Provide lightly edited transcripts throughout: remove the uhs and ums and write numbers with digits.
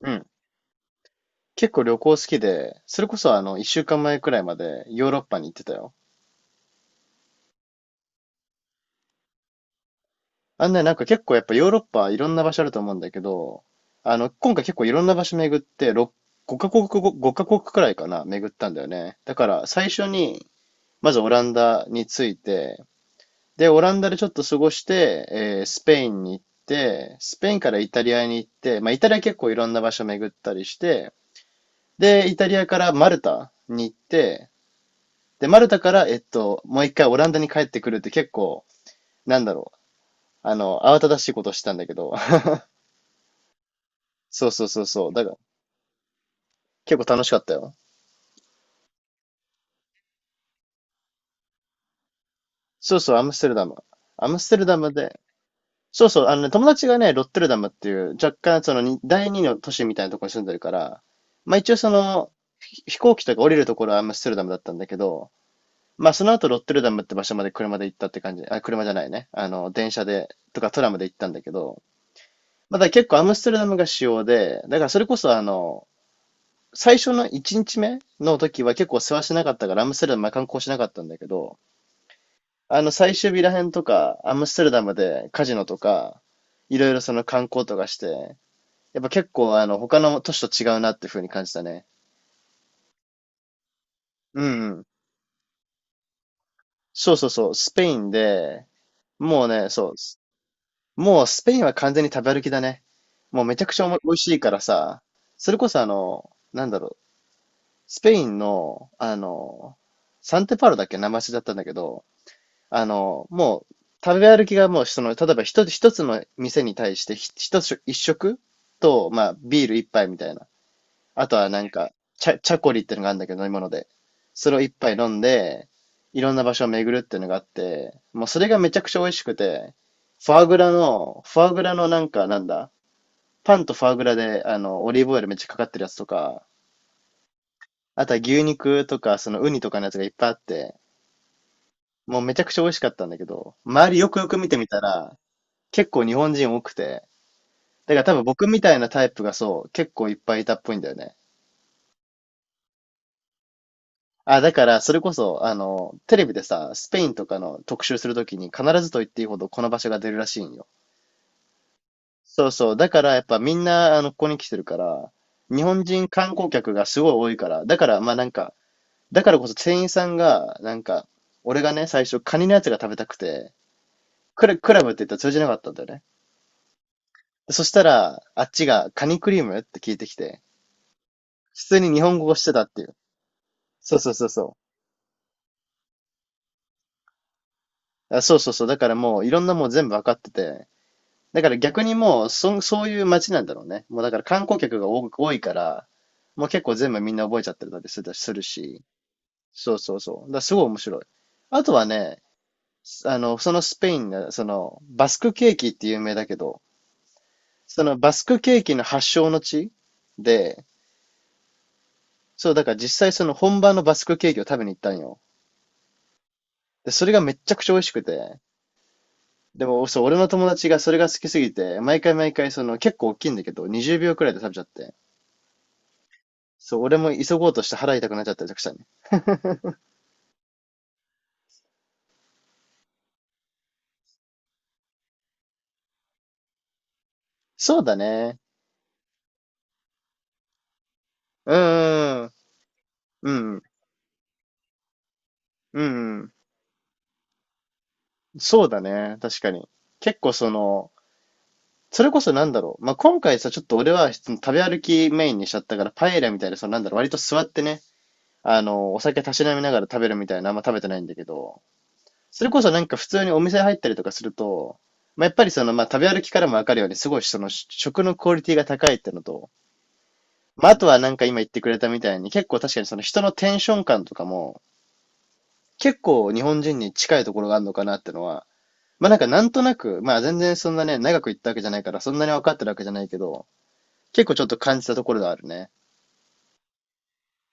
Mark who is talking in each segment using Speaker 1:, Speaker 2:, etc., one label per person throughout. Speaker 1: うん。結構旅行好きで、それこそ一週間前くらいまでヨーロッパに行ってたよ。あんね、なんか結構やっぱヨーロッパいろんな場所あると思うんだけど、今回結構いろんな場所巡って、6、5カ国くらいかな、巡ったんだよね。だから最初に、まずオランダに着いて、で、オランダでちょっと過ごして、スペインに行って、スペインからイタリアに行って、まあイタリア結構いろんな場所巡ったりして、で、イタリアからマルタに行って、で、マルタから、もう一回オランダに帰ってくるって結構、なんだろう。あの、慌ただしいことしたんだけど。そうそうそうそう。だから、結構楽しかったよ。そうそう、アムステルダム。アムステルダムで、そうそう、あのね、友達がね、ロッテルダムっていう、若干、そのに、第二の都市みたいなところに住んでるから、まあ一応その、飛行機とか降りるところはアムステルダムだったんだけど、まあその後ロッテルダムって場所まで車で行ったって感じ、あ、車じゃないね。あの、電車で、とかトラムで行ったんだけど、まだ結構アムステルダムが主要で、だからそれこそあの、最初の1日目の時は結構世話しなかったからアムステルダムは観光しなかったんだけど、あの最終日らへんとか、アムステルダムでカジノとか、いろいろその観光とかして、やっぱ結構あの他の都市と違うなっていう風に感じたね。うんうん。そうそうそう、スペインで、もうね、そう、もうスペインは完全に食べ歩きだね。もうめちゃくちゃ美味しいからさ、それこそあの、なんだろう、スペインの、あの、サンテパウロだっけ生足だったんだけど、あの、もう、食べ歩きがもう、その、例えば一つの店に対して、ひ一つ、一食と、まあ、ビール一杯みたいな。あとはなんか、チャコリってのがあるんだけど、飲み物で。それを一杯飲んで、いろんな場所を巡るっていうのがあって、もうそれがめちゃくちゃ美味しくて、フォアグラのなんか、なんだ、パンとフォアグラで、あの、オリーブオイルめっちゃかかってるやつとか、あとは牛肉とか、そのウニとかのやつがいっぱいあって、もうめちゃくちゃ美味しかったんだけど、周りよくよく見てみたら、結構日本人多くて、だから多分僕みたいなタイプがそう、結構いっぱいいたっぽいんだよね。あ、だからそれこそ、あの、テレビでさ、スペインとかの特集するときに必ずと言っていいほどこの場所が出るらしいんよ。そうそう。だからやっぱみんな、あの、ここに来てるから、日本人観光客がすごい多いから、だからまあなんか、だからこそ店員さんが、なんか、俺がね、最初カニのやつが食べたくて、クラブって言ったら通じなかったんだよね。そしたら、あっちがカニクリームって聞いてきて、普通に日本語をしてたっていう。そうそうそうそう。あ、そうそうそう。だからもういろんなもう全部わかってて。だから逆にもう、そういう街なんだろうね。もうだから観光客が多いから、もう結構全部みんな覚えちゃってたりするし。そうそうそう。だからすごい面白い。あとはね、あの、そのスペインが、その、バスクケーキって有名だけど、そのバスクケーキの発祥の地で、そう、だから実際その本場のバスクケーキを食べに行ったんよ。で、それがめちゃくちゃ美味しくて。でも、そう、俺の友達がそれが好きすぎて、毎回毎回その結構大きいんだけど、20秒くらいで食べちゃって。そう、俺も急ごうとして腹痛くなっちゃったりとかしたね。そうだね。うーん。うん。うん。そうだね。確かに。結構その、それこそなんだろう。まあ、今回さ、ちょっと俺は食べ歩きメインにしちゃったから、パエリアみたいな、そのなんだろう、割と座ってね、あの、お酒たしなみながら食べるみたいな、あんま食べてないんだけど、それこそなんか普通にお店入ったりとかすると、まあ、やっぱりその、まあ、食べ歩きからもわかるように、すごいその食のクオリティが高いってのと、まあ、あとはなんか今言ってくれたみたいに、結構確かにその人のテンション感とかも、結構日本人に近いところがあるのかなってのは、まあなんかなんとなく、まあ全然そんなね、長く行ったわけじゃないから、そんなに分かってるわけじゃないけど、結構ちょっと感じたところがあるね。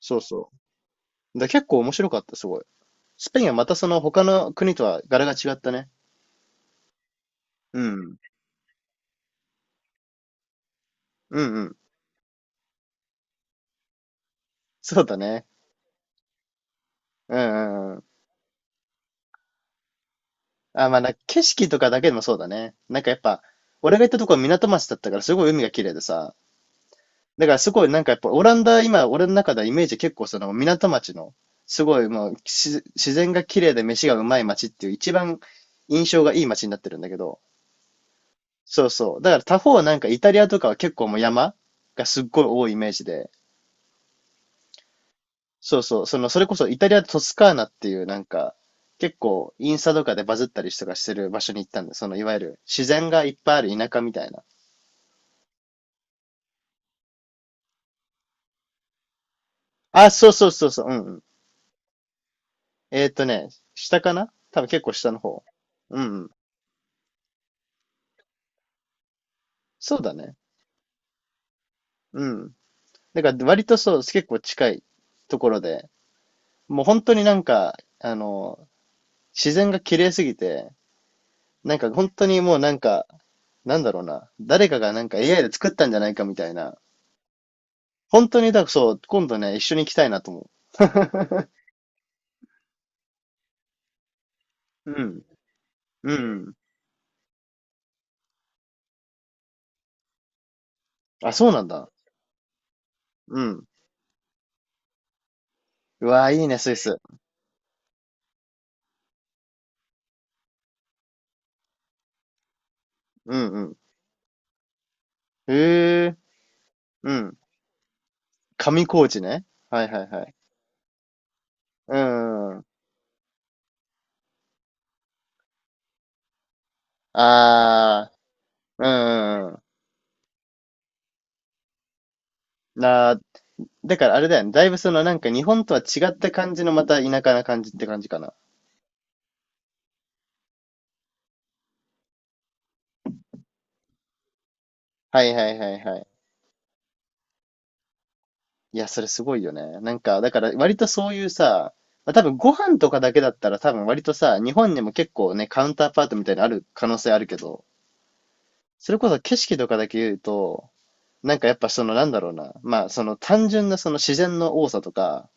Speaker 1: そうそう。だ結構面白かった、すごい。スペインはまたその他の国とは柄が違ったね。うん。うんうん。そうだね。うんうんうん。あ、まあ、なんか景色とかだけでもそうだね。なんかやっぱ、俺が行ったとこは港町だったからすごい海が綺麗でさ。だからすごいなんかやっぱオランダ、今俺の中ではイメージ結構その港町の、すごいもう自然が綺麗で飯がうまい町っていう一番印象がいい町になってるんだけど。そうそう。だから他方なんかイタリアとかは結構もう山がすっごい多いイメージで。そうそう。その、それこそイタリアトスカーナっていうなんか、結構インスタとかでバズったりとかしてる場所に行ったんだ。そのいわゆる自然がいっぱいある田舎みたいな。あ、そうそうそうそう、うんうん。えーっとね、下かな多分結構下の方。うんうん。そうだね。うん。だから割とそう、結構近いところで、もう本当になんか、あの、自然が綺麗すぎて、なんか本当にもうなんか、なんだろうな、誰かがなんか AI で作ったんじゃないかみたいな。本当にだ、そう、今度ね、一緒に行きたいなと思う。うん。うん。あ、そうなんだ。うん。うわー、いいね、スイス。うんうん。へえ。うん。上工事ね。はいはいはい。うんうんうん。ああ、うんうんうん。なあ、だからあれだよね。だいぶそのなんか日本とは違った感じのまた田舎な感じって感じかな。はいはいはいはい。いや、それすごいよね。なんか、だから割とそういうさ、まあ、多分ご飯とかだけだったら多分割とさ、日本にも結構ね、カウンターパートみたいなのある可能性あるけど、それこそ景色とかだけ言うと、やっぱそのなんだろうな、まあその単純なその自然の多さとか、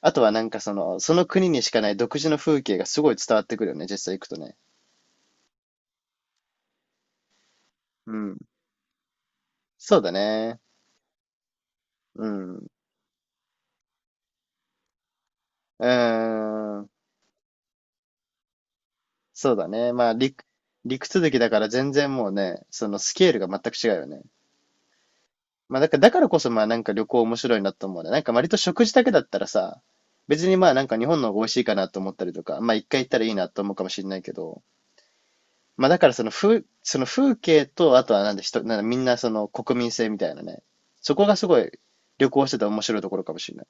Speaker 1: あとはその国にしかない独自の風景がすごい伝わってくるよね、実際行くとね。うん。そうだね。うん。うーん。そうだね。まあ、陸続きだから全然もうね、そのスケールが全く違うよね。まあ、だからこそまあなんか旅行面白いなと思うね。なんか割と食事だけだったらさ、別にまあなんか日本の方が美味しいかなと思ったりとか、まあ一回行ったらいいなと思うかもしれないけど、まあだからそのその風景と、あとはなんで人、なんだみんなその国民性みたいなね。そこがすごい旅行してて面白いところかもしれない。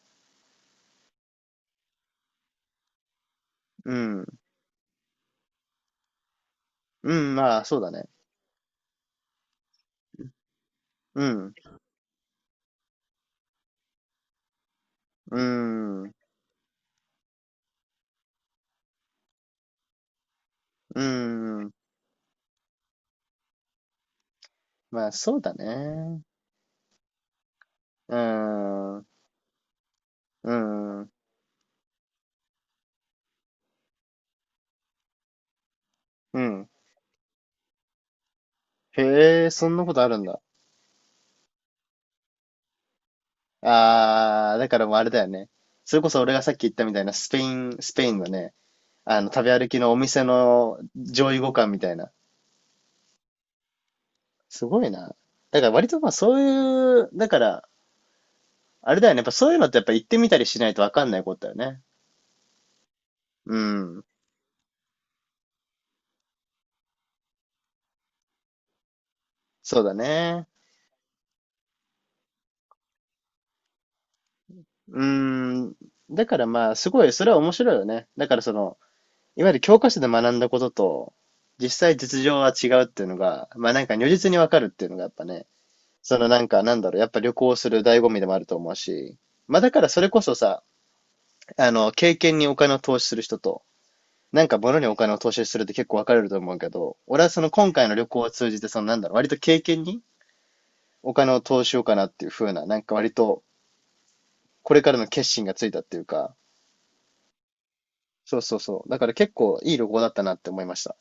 Speaker 1: うん。うん、まあそうだね。うん。うん。うん。まあそうだね。うん。うん。うん。へえ、そんなことあるんだ。ああ、だからもうあれだよね。それこそ俺がさっき言ったみたいなスペインのね、あの食べ歩きのお店の上位互換みたいな。すごいな。だから割とまあそういう、だから、あれだよね。やっぱそういうのってやっぱ行ってみたりしないとわかんないことだよね。うん。そうだね。うん。だからまあ、すごい、それは面白いよね。だからその、いわゆる教科書で学んだことと、実際実情は違うっていうのが、まあなんか如実にわかるっていうのがやっぱね、やっぱ旅行する醍醐味でもあると思うし、まあだからそれこそさ、あの、経験にお金を投資する人と、なんか物にお金を投資するって結構分かれると思うけど、俺はその今回の旅行を通じて、そのなんだろう、割と経験にお金を投資しようかなっていう風な、なんか割とこれからの決心がついたっていうか、そうそうそう。だから結構いい旅行だったなって思いました。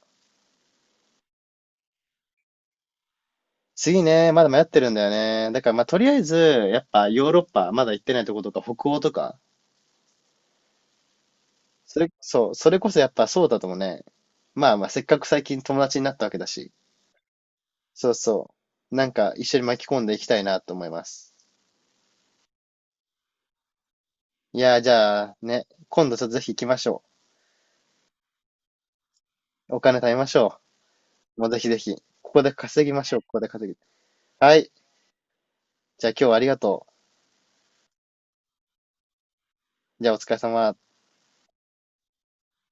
Speaker 1: 次ね、まだ迷ってるんだよね。だからまあとりあえず、やっぱヨーロッパ、まだ行ってないとことか北欧とか、それこそやっぱそうだともね、まあまあせっかく最近友達になったわけだし、そうそう。なんか一緒に巻き込んでいきたいなと思います。いやー、じゃあね、今度ちょっとぜひ行きましょう。お金貯めましょう。もうぜひぜひ。ここで稼ぎましょう。ここで稼ぎ。はい。じゃあ今日はありがとう。じゃあお疲れ様。